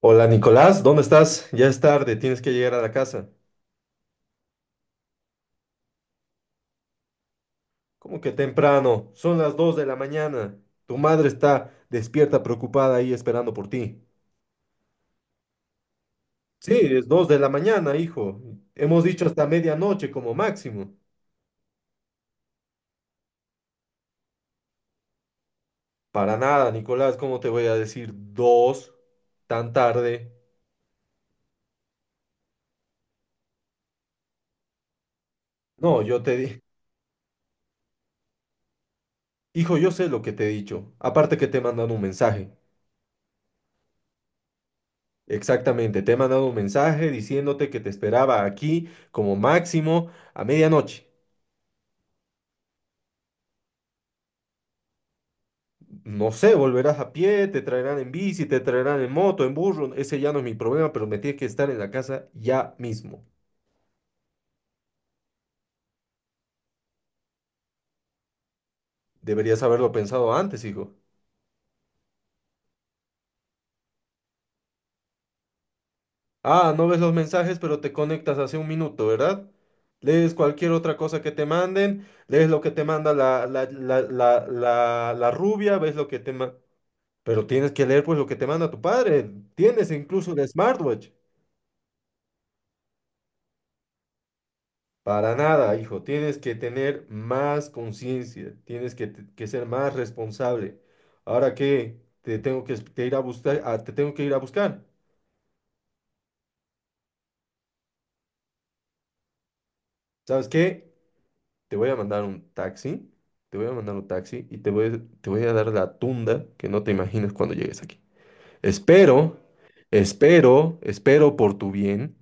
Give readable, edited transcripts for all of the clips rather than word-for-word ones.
Hola Nicolás, ¿dónde estás? Ya es tarde, tienes que llegar a la casa. ¿Cómo que temprano? Son las 2 de la mañana. Tu madre está despierta, preocupada ahí esperando por ti. Sí, es 2 de la mañana, hijo. Hemos dicho hasta medianoche como máximo. Para nada, Nicolás, ¿cómo te voy a decir 2 tan tarde? No, yo te di... Hijo, yo sé lo que te he dicho. Aparte que te he mandado un mensaje. Exactamente, te he mandado un mensaje diciéndote que te esperaba aquí como máximo a medianoche. No sé, volverás a pie, te traerán en bici, te traerán en moto, en burro, ese ya no es mi problema, pero me tienes que estar en la casa ya mismo. Deberías haberlo pensado antes, hijo. Ah, no ves los mensajes, pero te conectas hace un minuto, ¿verdad? Lees cualquier otra cosa que te manden, lees lo que te manda la rubia, ves lo que te manda... Pero tienes que leer pues lo que te manda tu padre. Tienes incluso el smartwatch. Para nada, hijo. Tienes que tener más conciencia, que ser más responsable. Ahora que te tengo que te ir a buscar, ah, Te tengo que ir a buscar. ¿Sabes qué? Te voy a mandar un taxi, Te voy a mandar un taxi y te voy a dar la tunda que no te imaginas cuando llegues aquí. Espero, Espero por tu bien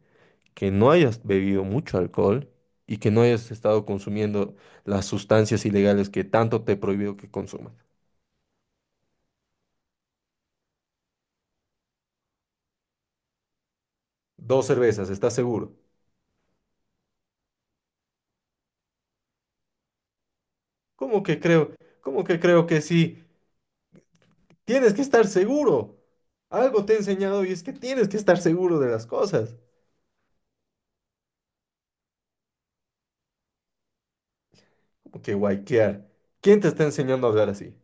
que no hayas bebido mucho alcohol y que no hayas estado consumiendo las sustancias ilegales que tanto te he prohibido que consumas. Dos cervezas, ¿estás seguro? ¿Cómo que creo? ¿Cómo que creo que sí? Tienes que estar seguro. Algo te he enseñado y es que tienes que estar seguro de las cosas. ¿Cómo que guayquear? ¿Quién te está enseñando a hablar así?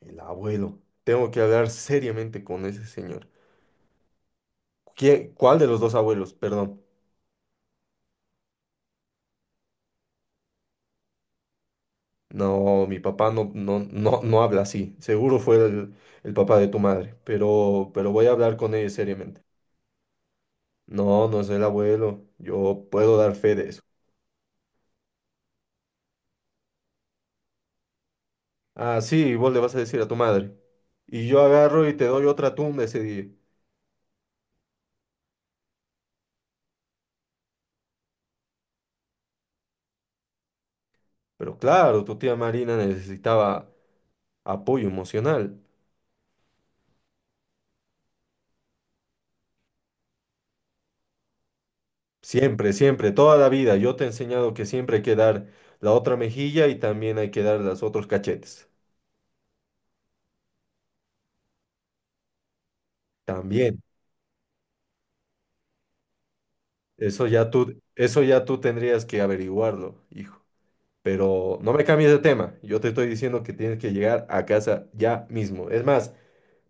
El abuelo. Tengo que hablar seriamente con ese señor. ¿Quién- cuál de los dos abuelos? Perdón. No, mi papá no habla así. Seguro fue el papá de tu madre, pero voy a hablar con él seriamente. No, no es el abuelo. Yo puedo dar fe de eso. Ah, sí, vos le vas a decir a tu madre. Y yo agarro y te doy otra tumba ese día. Pero claro, tu tía Marina necesitaba apoyo emocional. Siempre, siempre, toda la vida. Yo te he enseñado que siempre hay que dar la otra mejilla y también hay que dar los otros cachetes. También. Eso ya tú tendrías que averiguarlo, hijo. Pero no me cambies de tema. Yo te estoy diciendo que tienes que llegar a casa ya mismo. Es más,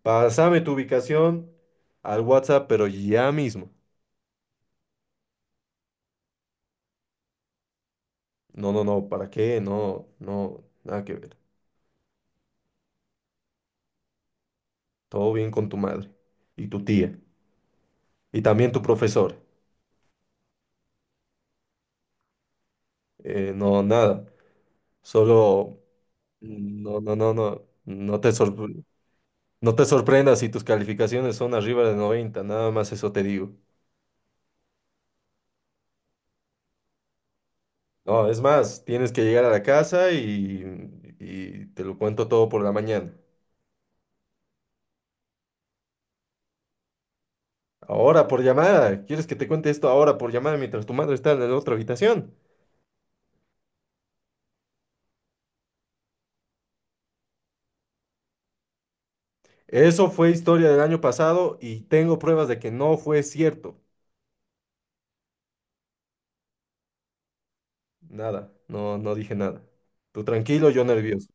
pásame tu ubicación al WhatsApp, pero ya mismo. No, ¿Para qué? No, no, nada que ver. Todo bien con tu madre y tu tía y también tu profesor. No, nada. Solo, no, no, no, no, no te sorpre- No te sorprendas si tus calificaciones son arriba de 90, nada más eso te digo. No, es más, tienes que llegar a la casa y te lo cuento todo por la mañana. Ahora por llamada. ¿Quieres que te cuente esto ahora por llamada mientras tu madre está en la otra habitación? Eso fue historia del año pasado y tengo pruebas de que no fue cierto. Nada, no dije nada. Tú tranquilo, yo nervioso.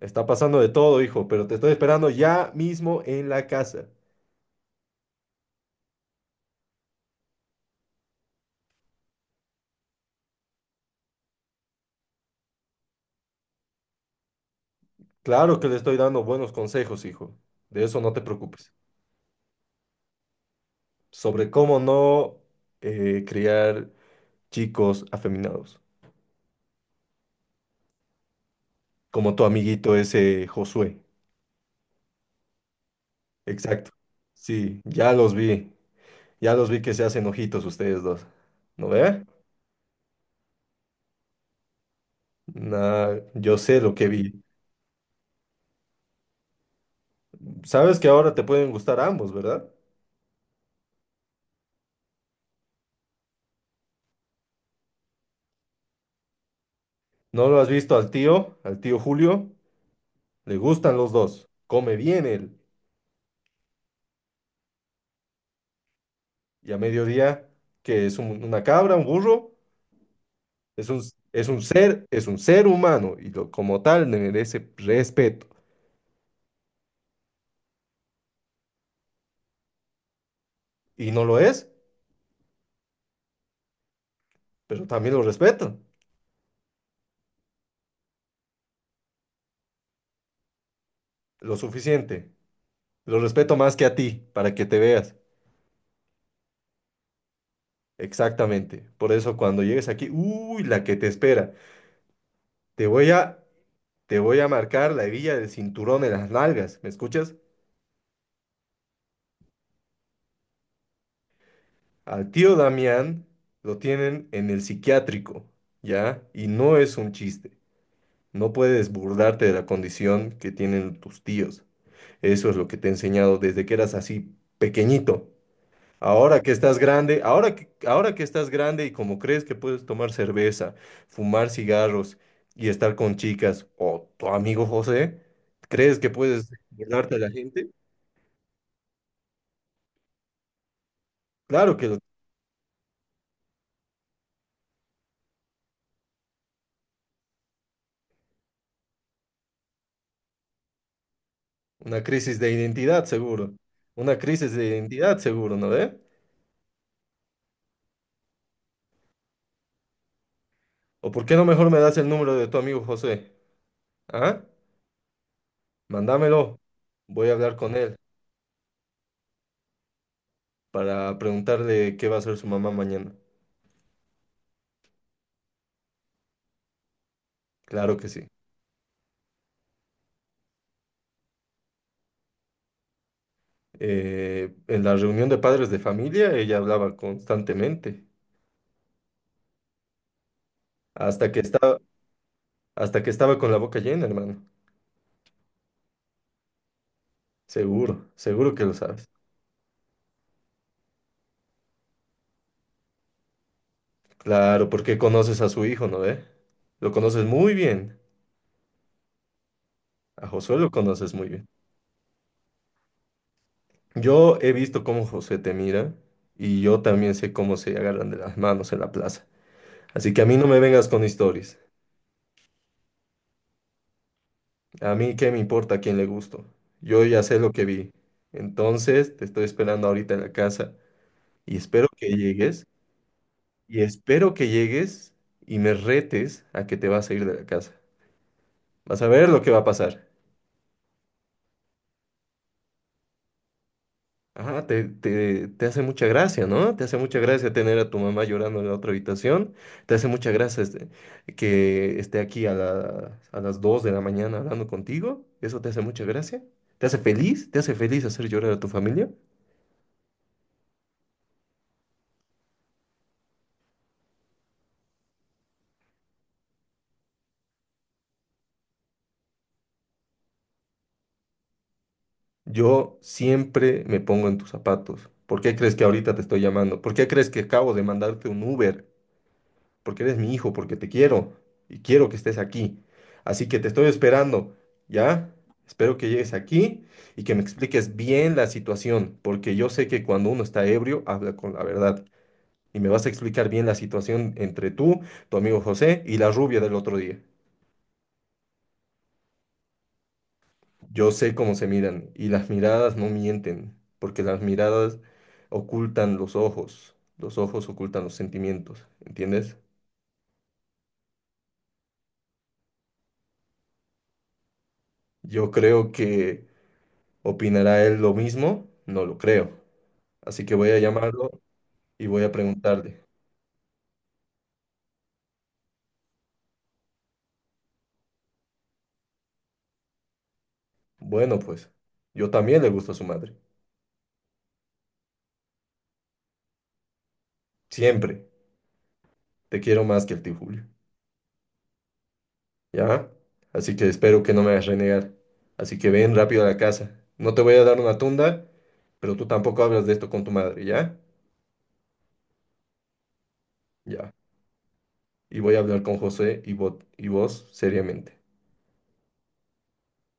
Está pasando de todo, hijo, pero te estoy esperando ya mismo en la casa. Claro que le estoy dando buenos consejos, hijo. De eso no te preocupes. Sobre cómo no criar chicos afeminados, como tu amiguito ese Josué. Exacto. Sí, ya los vi. Ya los vi que se hacen ojitos ustedes dos. ¿No ve? Nah, yo sé lo que vi. Sabes que ahora te pueden gustar ambos, ¿verdad? ¿No lo has visto al tío Julio? Le gustan los dos. Come bien él. Y a mediodía, que es una cabra, un burro, es un, es un ser humano y como tal le merece respeto. Y no lo es, pero también lo respeto. Lo suficiente. Lo respeto más que a ti, para que te veas. Exactamente. Por eso cuando llegues aquí, uy, la que te espera. Te voy a Te voy a marcar la hebilla del cinturón en las nalgas, ¿me escuchas? Al tío Damián lo tienen en el psiquiátrico, ¿ya? Y no es un chiste. No puedes burlarte de la condición que tienen tus tíos. Eso es lo que te he enseñado desde que eras así pequeñito. Ahora que estás grande y como crees que puedes tomar cerveza, fumar cigarros y estar con chicas o tu amigo José, ¿crees que puedes burlarte de la gente? Claro que lo Una crisis de identidad, seguro. Una crisis de identidad, seguro, ¿no ve? ¿O por qué no mejor me das el número de tu amigo José? ¿Ah? Mándamelo. Voy a hablar con él para preguntarle qué va a hacer su mamá mañana. Claro que sí. En la reunión de padres de familia, ella hablaba constantemente. Hasta que estaba, Hasta que estaba con la boca llena, hermano. Seguro, seguro que lo sabes. Claro, porque conoces a su hijo, ¿no ve? Lo conoces muy bien. A Josué lo conoces muy bien. Yo he visto cómo José te mira y yo también sé cómo se agarran de las manos en la plaza. Así que a mí no me vengas con historias. A mí qué me importa a quién le gusto. Yo ya sé lo que vi. Entonces te estoy esperando ahorita en la casa y espero que llegues y espero que llegues y me retes a que te vas a ir de la casa. Vas a ver lo que va a pasar. Ajá, te hace mucha gracia, ¿no? Te hace mucha gracia tener a tu mamá llorando en la otra habitación. Te hace mucha gracia este, Que esté aquí a las 2 de la mañana hablando contigo. Eso te hace mucha gracia. ¿Te hace feliz? ¿Te hace feliz hacer llorar a tu familia? Yo siempre me pongo en tus zapatos. ¿Por qué crees que ahorita te estoy llamando? ¿Por qué crees que acabo de mandarte un Uber? Porque eres mi hijo, porque te quiero y quiero que estés aquí. Así que te estoy esperando, ¿ya? Espero que llegues aquí y que me expliques bien la situación, porque yo sé que cuando uno está ebrio habla con la verdad. Y me vas a explicar bien la situación entre tú, tu amigo José y la rubia del otro día. Yo sé cómo se miran y las miradas no mienten, porque las miradas ocultan los ojos ocultan los sentimientos, ¿entiendes? Yo creo que ¿Opinará él lo mismo? No lo creo. Así que voy a llamarlo y voy a preguntarle. Bueno, pues, yo también le gusto a su madre. Siempre. Te quiero más que el tío Julio. ¿Ya? Así que espero que no me hagas renegar. Así que ven rápido a la casa. No te voy a dar una tunda, pero tú tampoco hablas de esto con tu madre, ¿ya? Ya. Y voy a hablar con José y vos seriamente.